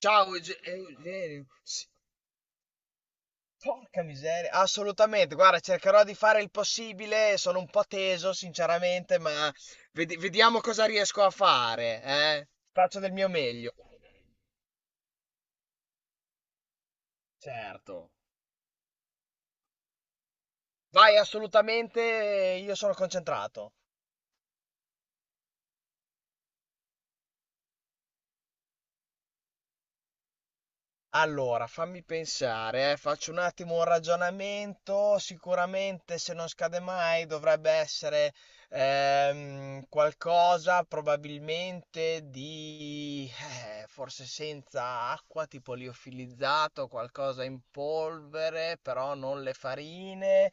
Ciao Eugenio. Sì, porca miseria, assolutamente. Guarda, cercherò di fare il possibile. Sono un po' teso, sinceramente, ma vediamo cosa riesco a fare. Faccio del mio meglio. Certo. Vai, assolutamente. Io sono concentrato. Allora, fammi pensare, faccio un attimo un ragionamento. Sicuramente, se non scade mai, dovrebbe essere qualcosa probabilmente di forse senza acqua, tipo liofilizzato, qualcosa in polvere, però non le farine.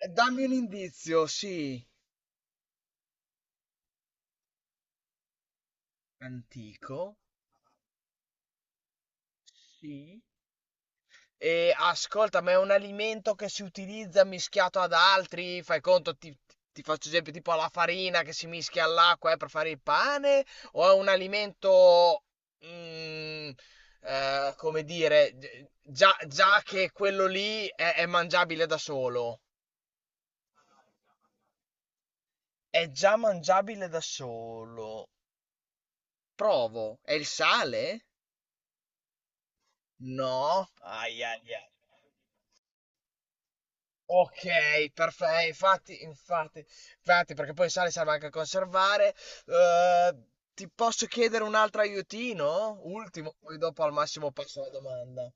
Dammi un indizio, sì, antico, sì. E ascolta, ma è un alimento che si utilizza mischiato ad altri? Fai conto, ti faccio esempio, tipo alla farina che si mischia all'acqua, per fare il pane? O è un alimento, mm, come dire, già che quello lì è mangiabile da solo? È già mangiabile da solo. Provo. È il sale? No. Ai, ai, ai. Ok, perfetto, infatti, perché poi sai, serve anche a conservare. Eh, ti posso chiedere un altro aiutino? Ultimo, poi dopo al massimo passo la domanda.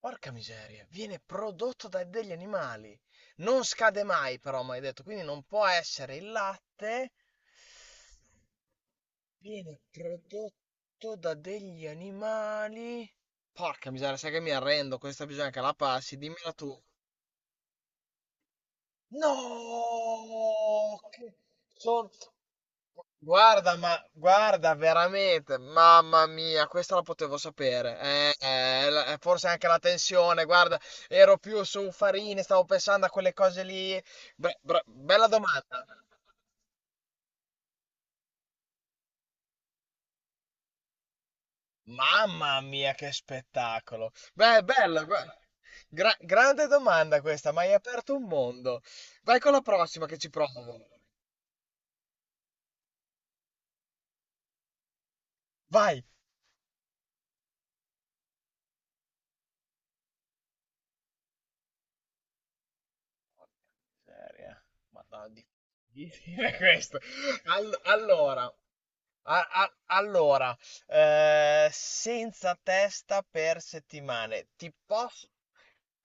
Porca miseria, viene prodotto da degli animali. Non scade mai, però, mi hai detto, quindi non può essere il latte. Viene prodotto da degli animali. Porca miseria, sai che mi arrendo, questa bisogna che la passi, dimmela tu. No, che son- guarda, ma guarda, veramente, mamma mia, questa la potevo sapere. Forse anche la tensione, guarda, ero più su Farini, stavo pensando a quelle cose lì. Beh, bella domanda. Mamma mia, che spettacolo. Beh, bello, guarda. Grande domanda questa, ma hai aperto un mondo. Vai con la prossima che ci provo. Vai. Seria. Madonna, di dire questo. All- allora, allora, senza testa per settimane. Ti posso...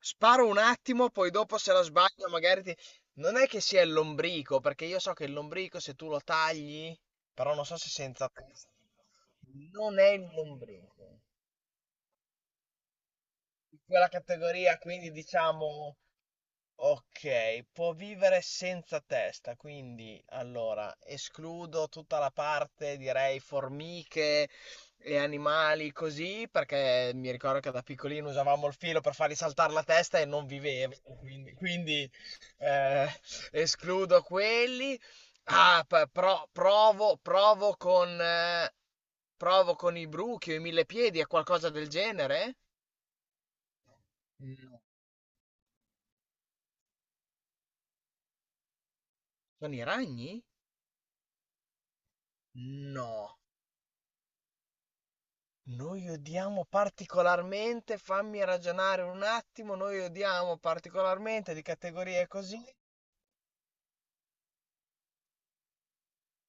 Sparo un attimo, poi dopo se la sbaglio magari ti... Non è che sia il lombrico, perché io so che il lombrico se tu lo tagli, però non so se senza testa. Non è il lombrico. Di quella categoria, quindi diciamo okay, può vivere senza testa, quindi allora escludo tutta la parte direi formiche e animali così, perché mi ricordo che da piccolino usavamo il filo per fargli saltare la testa e non vivevano, eh, escludo quelli. Ah, provo, provo con provo con i bruchi o i millepiedi o qualcosa del genere? No. Sono i ragni? No. Noi odiamo particolarmente, fammi ragionare un attimo, noi odiamo particolarmente di categorie così,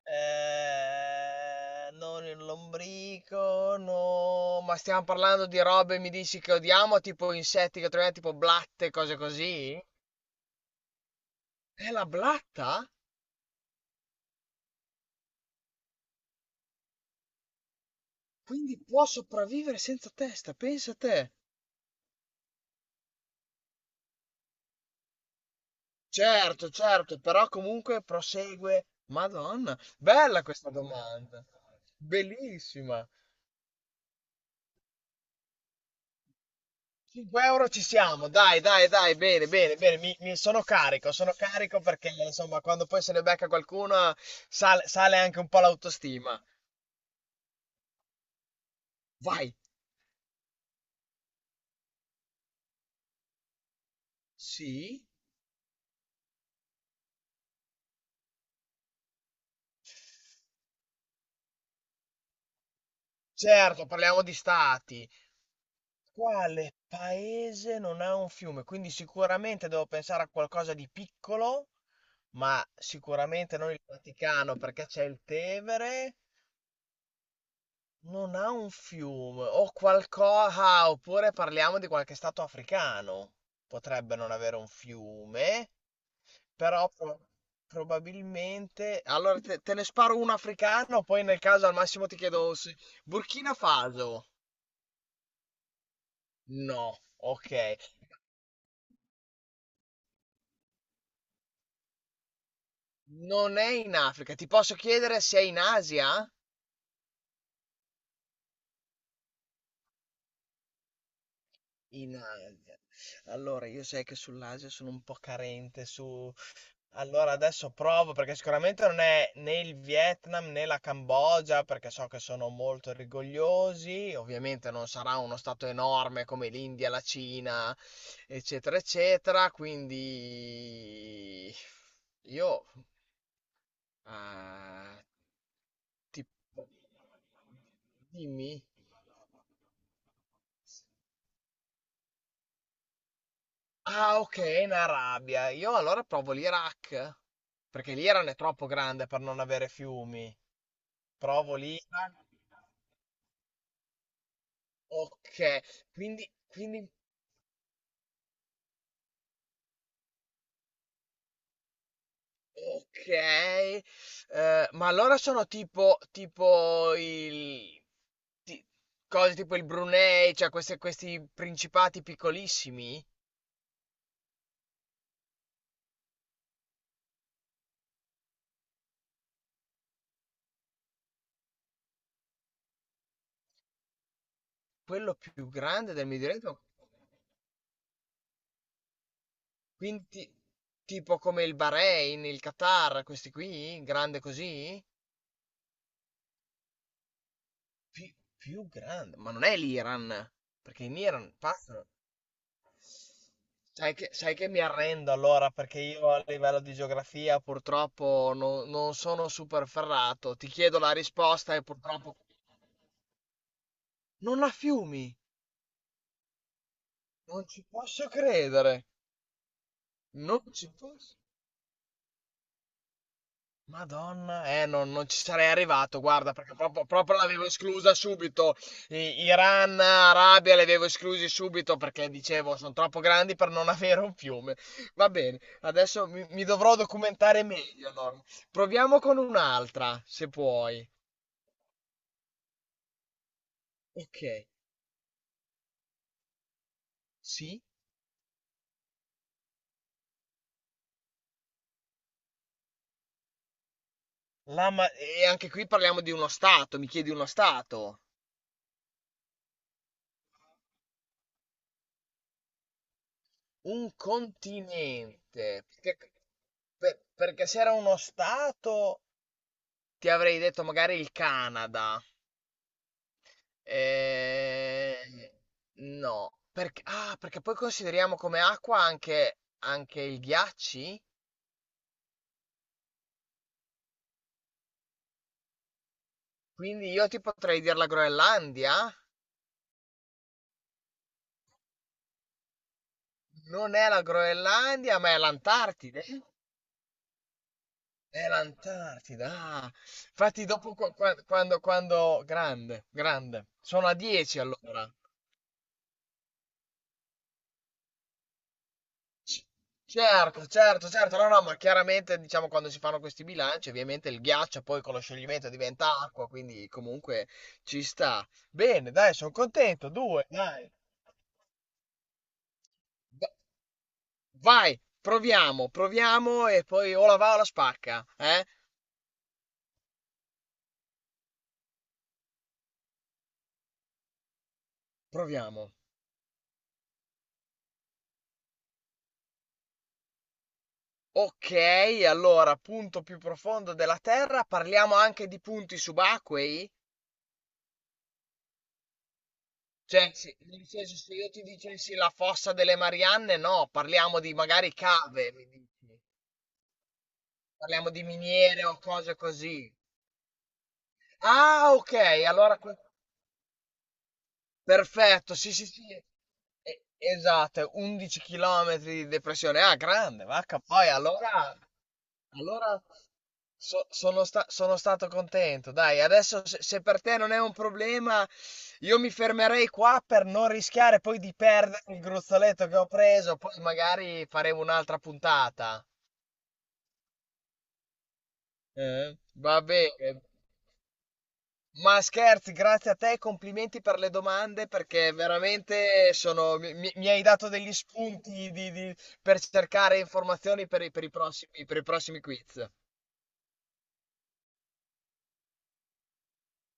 non il lombrico, no, ma stiamo parlando di robe, mi dici che odiamo, tipo insetti che troviamo, tipo blatte, cose così? È la blatta? Quindi può sopravvivere senza testa, pensa te. Certo, certo, però comunque prosegue. Madonna, bella questa domanda. Bellissima. 5 euro ci siamo, dai, dai, dai, bene, bene, bene, sono carico perché insomma quando poi se ne becca qualcuno sale, sale anche un po' l'autostima. Vai. Sì? Certo, parliamo di stati. Quale paese non ha un fiume? Quindi sicuramente devo pensare a qualcosa di piccolo, ma sicuramente non il Vaticano perché c'è il Tevere. Non ha un fiume o qualcosa, oppure parliamo di qualche stato africano. Potrebbe non avere un fiume, però probabilmente... Allora te ne sparo uno africano, poi nel caso al massimo ti chiedo se... Burkina Faso? No, ok. Non è in Africa. Ti posso chiedere se è in Asia? In Asia. Allora, io sai che sull'Asia sono un po' carente su... Allora, adesso provo perché sicuramente non è né il Vietnam né la Cambogia, perché so che sono molto rigogliosi. Ovviamente non sarà uno stato enorme come l'India, la Cina, eccetera, eccetera. Quindi io eh, ti... dimmi. Ah okay, in Arabia. Io allora provo l'Iraq, perché l'Iran è troppo grande per non avere fiumi. Provo l'Iran. Okay, quindi okay. Ma allora sono tipo il ti cose tipo il Brunei, cioè queste questi principati piccolissimi? Quello più grande del Medio Oriente? Quindi ti tipo come il Bahrain, il Qatar, questi qui? Grande così? Più grande, ma non è l'Iran, perché in Iran passano. Sai che mi arrendo allora perché io a livello di geografia purtroppo non, non sono super ferrato. Ti chiedo la risposta e purtroppo non la fiumi. Non ci posso credere. Non ci posso. Madonna, non, non ci sarei arrivato, guarda, perché proprio, proprio l'avevo esclusa subito. Iran, Arabia, li avevo esclusi subito perché dicevo, sono troppo grandi per non avere un fiume. Va bene, adesso mi dovrò documentare meglio, allora. Proviamo con un'altra, se puoi. Ok, sì. E anche qui parliamo di uno stato, mi chiedi uno stato. Un continente. Perché, perché se era uno stato... Ti avrei detto magari il Canada. Eh, no, perché, ah, perché poi consideriamo come acqua anche, anche il ghiacci? Quindi io ti potrei dire la Groenlandia? Non è la Groenlandia, ma è l'Antartide. È l'Antartida. Ah. Infatti dopo quando... Grande, grande. Sono a 10 allora. C- Certo, certo, certo, no, no, ma chiaramente diciamo quando si fanno questi bilanci, ovviamente il ghiaccio poi con lo scioglimento diventa acqua, quindi comunque ci sta. Bene, dai, sono contento, due, dai. Va- Vai, proviamo, proviamo e poi o la va o la spacca, eh? Proviamo. Ok, allora, punto più profondo della Terra, parliamo anche di punti subacquei? Cioè, se, nel senso, se io ti dicessi la fossa delle Marianne, no, parliamo di magari cave, mi dici. Parliamo di miniere o cose così. Ah, ok, allora perfetto. Sì, sì, sì. Esatto, 11 chilometri di depressione. Ah, grande, vacca. Poi allora, allora sono stato contento. Dai, adesso se-, se per te non è un problema, io mi fermerei qua per non rischiare poi di perdere il gruzzoletto che ho preso. Poi magari faremo un'altra puntata. Va bene. Ma scherzi, grazie a te, e complimenti per le domande perché veramente sono, mi hai dato degli spunti per cercare informazioni per per i prossimi quiz.